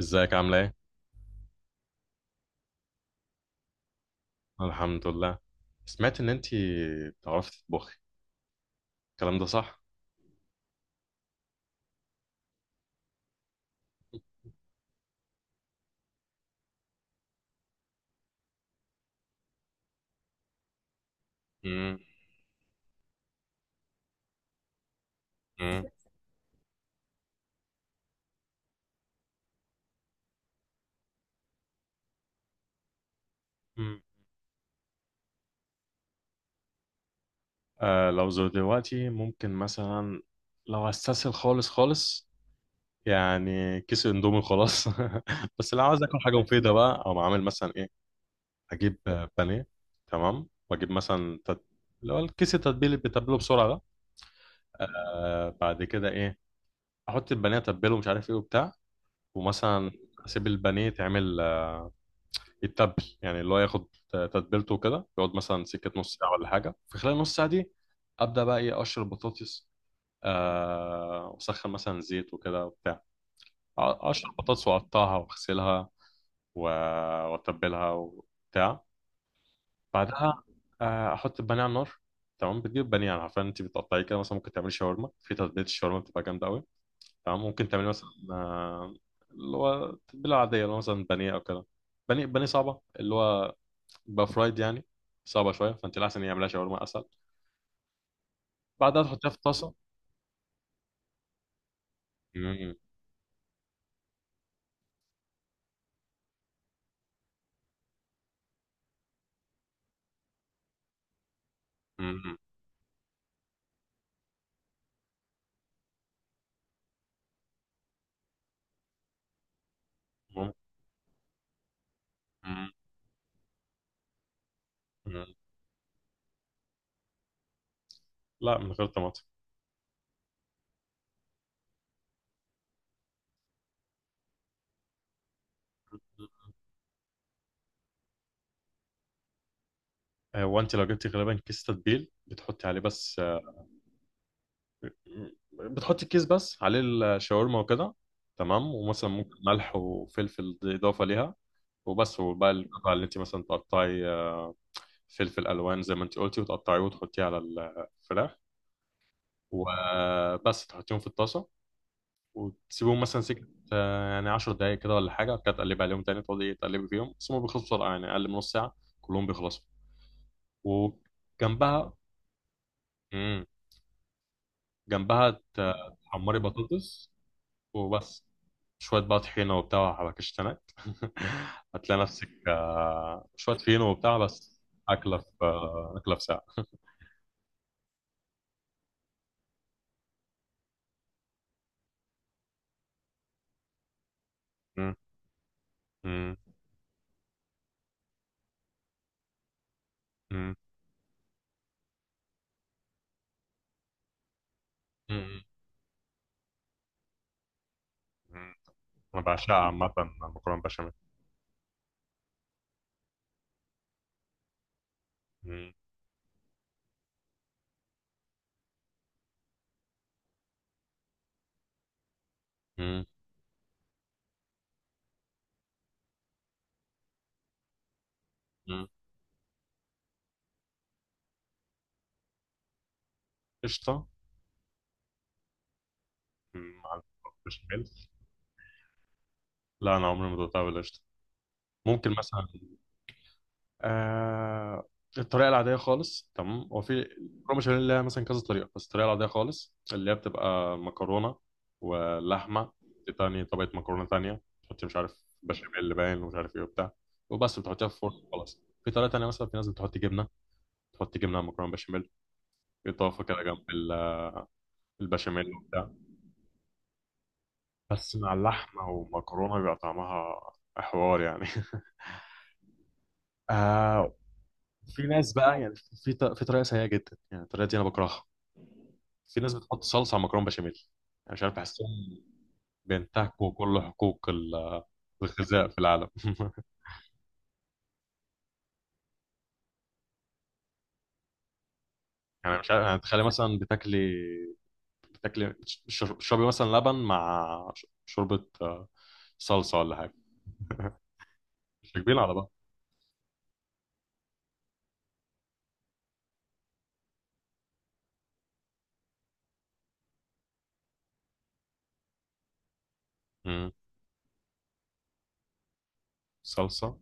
ازيك؟ عامله ايه؟ الحمد لله. سمعت ان انتي بتعرفي تطبخي، الكلام ده صح؟ امم امم امم. آه، لو زود دلوقتي ممكن مثلا لو استسهل خالص، يعني كيس اندومي خلاص. بس لو عاوز اكل حاجه مفيده بقى او اعمل مثلا ايه، اجيب بانيه. تمام، واجيب مثلا اللي هو الكيس التتبيل اللي بتتبله بسرعه ده. آه، بعد كده ايه، احط البانيه اتبله مش عارف ايه وبتاع. ومثلا اسيب البانيه تعمل، يتبل يعني اللي هو ياخد تتبيلته وكده، يقعد مثلا سكة نص ساعة ولا حاجة. في خلال نص ساعة دي أبدأ بقى إيه، أقشر البطاطس. وأسخن مثلا زيت وكده وبتاع، أقشر البطاطس وأقطعها وأغسلها و- وأتبلها وبتاع. بعدها أحط البانيه على النار. تمام، بتجيب بانيه يعني، عارفة أنت بتقطعيه كده، مثلا ممكن تعملي شاورما، في تتبيلة الشاورما بتبقى جامدة أوي. تمام، ممكن تعملي مثلا اللي هو تتبيلة عادية اللي هو مثلا بانيه أو كده. بانيه صعبة، اللي هو يبقى فرايد يعني، صعبة شوية، فأنت الأحسن إن يعملها شاورما أسهل. بعدها تحطيها في الطاسة. مم. مم. مم. مم. لا، من غير طماطم. هو أنت لو جبتي غالبا كيس تتبيل بتحطي عليه بس، بتحطي كيس بس عليه الشاورما وكده. تمام، ومثلا ممكن ملح وفلفل دي إضافة ليها وبس. وبقى القطع اللي أنت مثلا تقطعي فلفل ألوان زي ما أنت قلتي، وتقطعيه وتحطيه على الفراخ وبس، تحطيهم في الطاسة وتسيبهم مثلا سكة يعني 10 دقايق كده ولا حاجة، كده تقلب عليهم تاني، تقعدي تقلبي فيهم، بس هم بيخلصوا بسرعة يعني، أقل من نص ساعة كلهم بيخلصوا. وجنبها مم. جنبها تحمري بطاطس وبس. شوية بقى طحينة وبتاع وحبكشتنات. هتلاقي نفسك شوية فينو وبتاع بس، أكلة في أكلة في ساعة. مم. مم. مم. مم. مم. أنا بعشقها عامة، المكرونة بشاميل. مم. مم. مم. قشطة؟ مم. مع البشاميل؟ لا، انا عمري ما دقتها بالقشطه. ممكن مثلا آه، الطريقه العاديه خالص. تمام، هو في مكرونه بشاميل ليها مثلا كذا طريقه، بس الطريقه العاديه خالص اللي هي بتبقى مكرونه ولحمه، تاني طبقه مكرونه تانية، تحطي مش عارف بشاميل باين ومش عارف ايه وبتاع وبس، بتحطيها في فرن خلاص. في طريقه تانية مثلا، في ناس بتحط جبنه، تحط جبنه على مكرونه بشاميل، اضافه كده البشاميل وبتاع. بس مع اللحمه والمكرونه بيبقى طعمها حوار يعني. آه. في ناس بقى يعني، في طريقه سيئه جدا، يعني الطريقه دي انا بكرهها، في ناس بتحط صلصه على مكرونه بشاميل. انا مش عارف، بحسهم بينتهكوا كل حقوق الغذاء في العالم. يعني مش عارف، يعني تخيلي مثلا بتاكلي تشربي مثلا لبن مع شوربه صلصه ولا حاجه، مش كبيرين على بعض. مم. صلصه.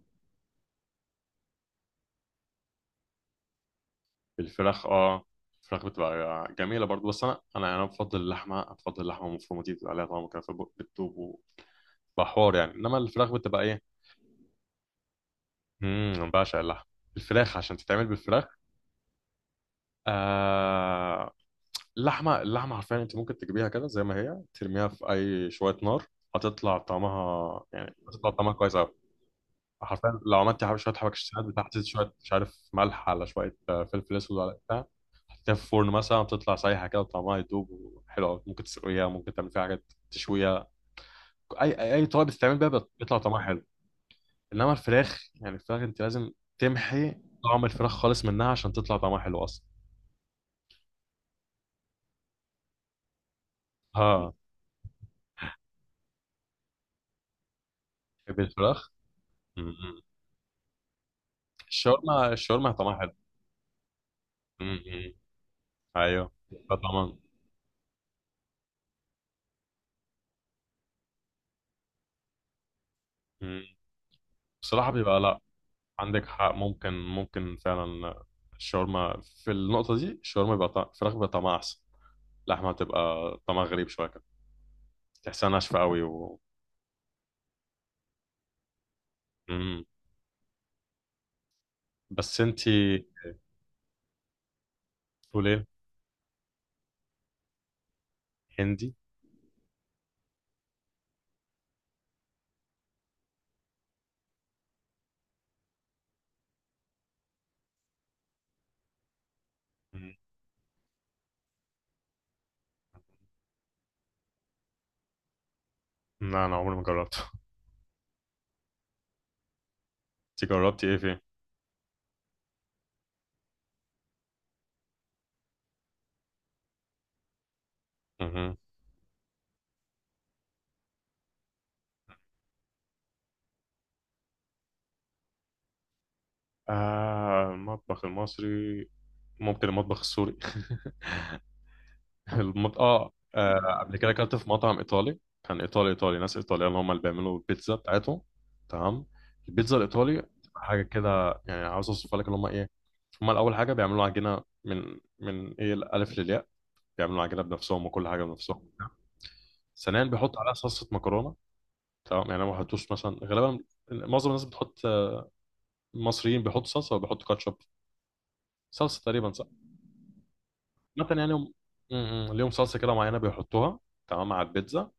الفراخ؟ اه، الفراخ بتبقى جميله برضو، بس انا يعني انا بفضل اللحمه، بفضل اللحمه المفرومه دي بتبقى عليها طعم كده بتدوب وبحوار يعني، انما الفراخ بتبقى ايه. امم، أنا بعشق اللحم، الفراخ عشان تتعمل بالفراخ آه... اللحمه، اللحمه حرفيا انت ممكن تجيبيها كده زي ما هي، ترميها في اي شويه نار هتطلع طعمها، يعني هتطلع طعمها كويس قوي. حرفيا لو عملتي شويه حبشتكنات بتاعتي، شويه مش عارف ملح على شويه فلفل اسود على بتاع، حطيتها في الفرن مثلا بتطلع سايحه كده وطعمها يدوب وحلو قوي. ممكن تسلقيها، ممكن تعمل فيها حاجات، تشويها، اي اي، أي طبق بتتعمل بيها بيطلع طعمها حلو. انما الفراخ يعني، الفراخ انت لازم تمحي طعم الفراخ خالص منها عشان تطلع طعمها حلو اصلا. ها، تحب الفراخ؟ م. الشاورما، الشاورما طعمها حلو. م- م. ايوه طبعا. م. بصراحه بيبقى لا. عندك حق، ممكن فعلا الشاورما، في النقطه دي الشاورما بيبقى طعم الفراخ بيبقى طعمها احسن، اللحمه بتبقى طعمها غريب شويه كده، تحسها ناشفه قوي و... م- م. بس انت تقول ايه؟ هندي؟ م-. لا، انا عمري ما جربته. انت جربتي ايه فيه؟ آه، المطبخ المصري، ممكن المطبخ السوري. اه قبل كده اكلت في مطعم ايطالي، كان ايطالي ايطالي، ناس ايطاليين اللي هم اللي بيعملوا البيتزا بتاعتهم. تمام، البيتزا الايطالي حاجه كده يعني، عاوز اوصفها لك اللي هم ايه. هم الاول حاجه بيعملوا عجينه من ايه، الالف للياء، بيعملوا عجينه بنفسهم وكل حاجه بنفسهم. ثانيا بيحطوا عليها صلصه مكرونه. تمام يعني ما بيحطوش مثلا غالبا، معظم الناس بتحط، المصريين بيحطوا صلصه وبيحطوا كاتشب، صلصه تقريبا. مثلا يعني م- م. ليهم صلصه كده معينه بيحطوها. تمام، على البيتزا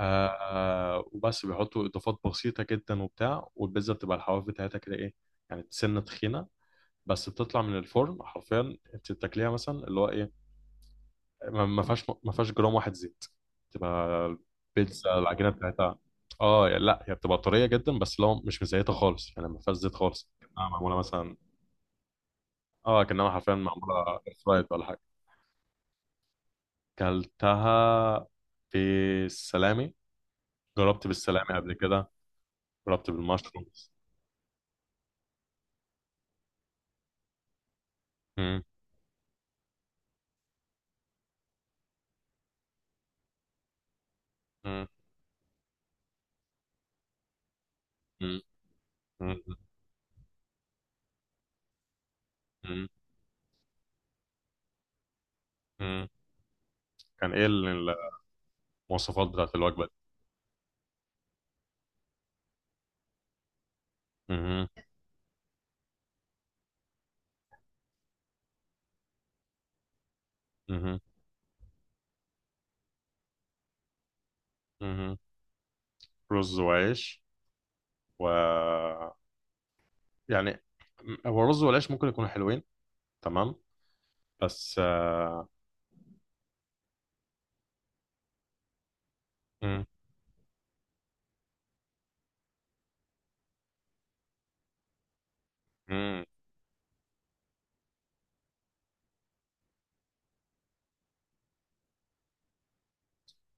آه، وبس بيحطوا اضافات بسيطه جدا وبتاع، والبيتزا بتبقى الحواف بتاعتها كده ايه، يعني سنه تخينه. بس بتطلع من الفرن حرفيا انت بتاكليها مثلا اللي هو ايه، ما فيهاش جرام واحد زيت. تبقى البيتزا العجينه بتاعتها اه، يعني لا هي بتبقى طريه جدا بس لو مش مزيته خالص، يعني ما فيهاش زيت خالص، كانها معموله مثلا اه، كانها حرفيا معموله فرايد ولا حاجه. كلتها في السلامي، جربت بالسلامي قبل كده، جربت بالمشرومز. مم. مم. مم. مم. مم. مم. كان ايه المواصفات بتاعت الوجبة دي؟ مم. مم. مم. رز وعيش و... يعني هو الرز والعيش ممكن يكونوا حلوين، تمام، بس آه،. مم. مم.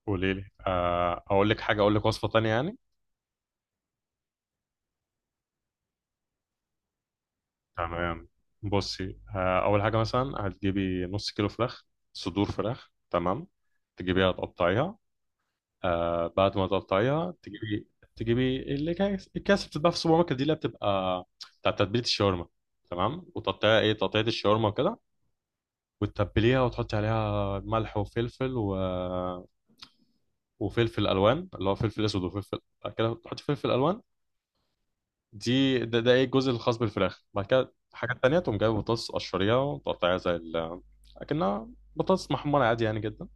قولي لي آه، اقول لك حاجة، اقول لك وصفة تانية يعني. تمام، بصي آه، اول حاجة مثلا هتجيبي نص كيلو فراخ، صدور فراخ. تمام، تجيبيها تقطعيها، آه بعد ما تقطعيها تجيبي اللي كان الكاس بتتباع في السوبر ماركت دي، اللي بتبقى بتاع تتبيله الشاورما. تمام، وتقطعيها ايه، تقطيعه الشاورما وكده، وتتبليها وتحطي عليها ملح وفلفل و... وفلفل الوان، اللي هو فلفل اسود وفلفل، بعد كده تحطي فلفل الوان. ده ايه الجزء الخاص بالفراخ. بعد كده حاجات تانية، تقوم جايبه بطاطس، قشريها وتقطعيها زي ال... اكنها بطاطس محمرة عادي يعني جدا.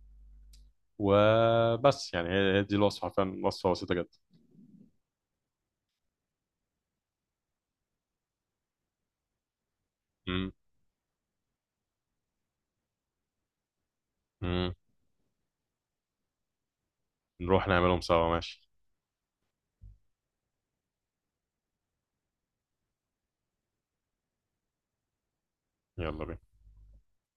وبس، يعني هي دي الوصفة فعلا، وصفة بسيطة جدا. مم. نروح نعملهم سوا، ماشي، يلا بينا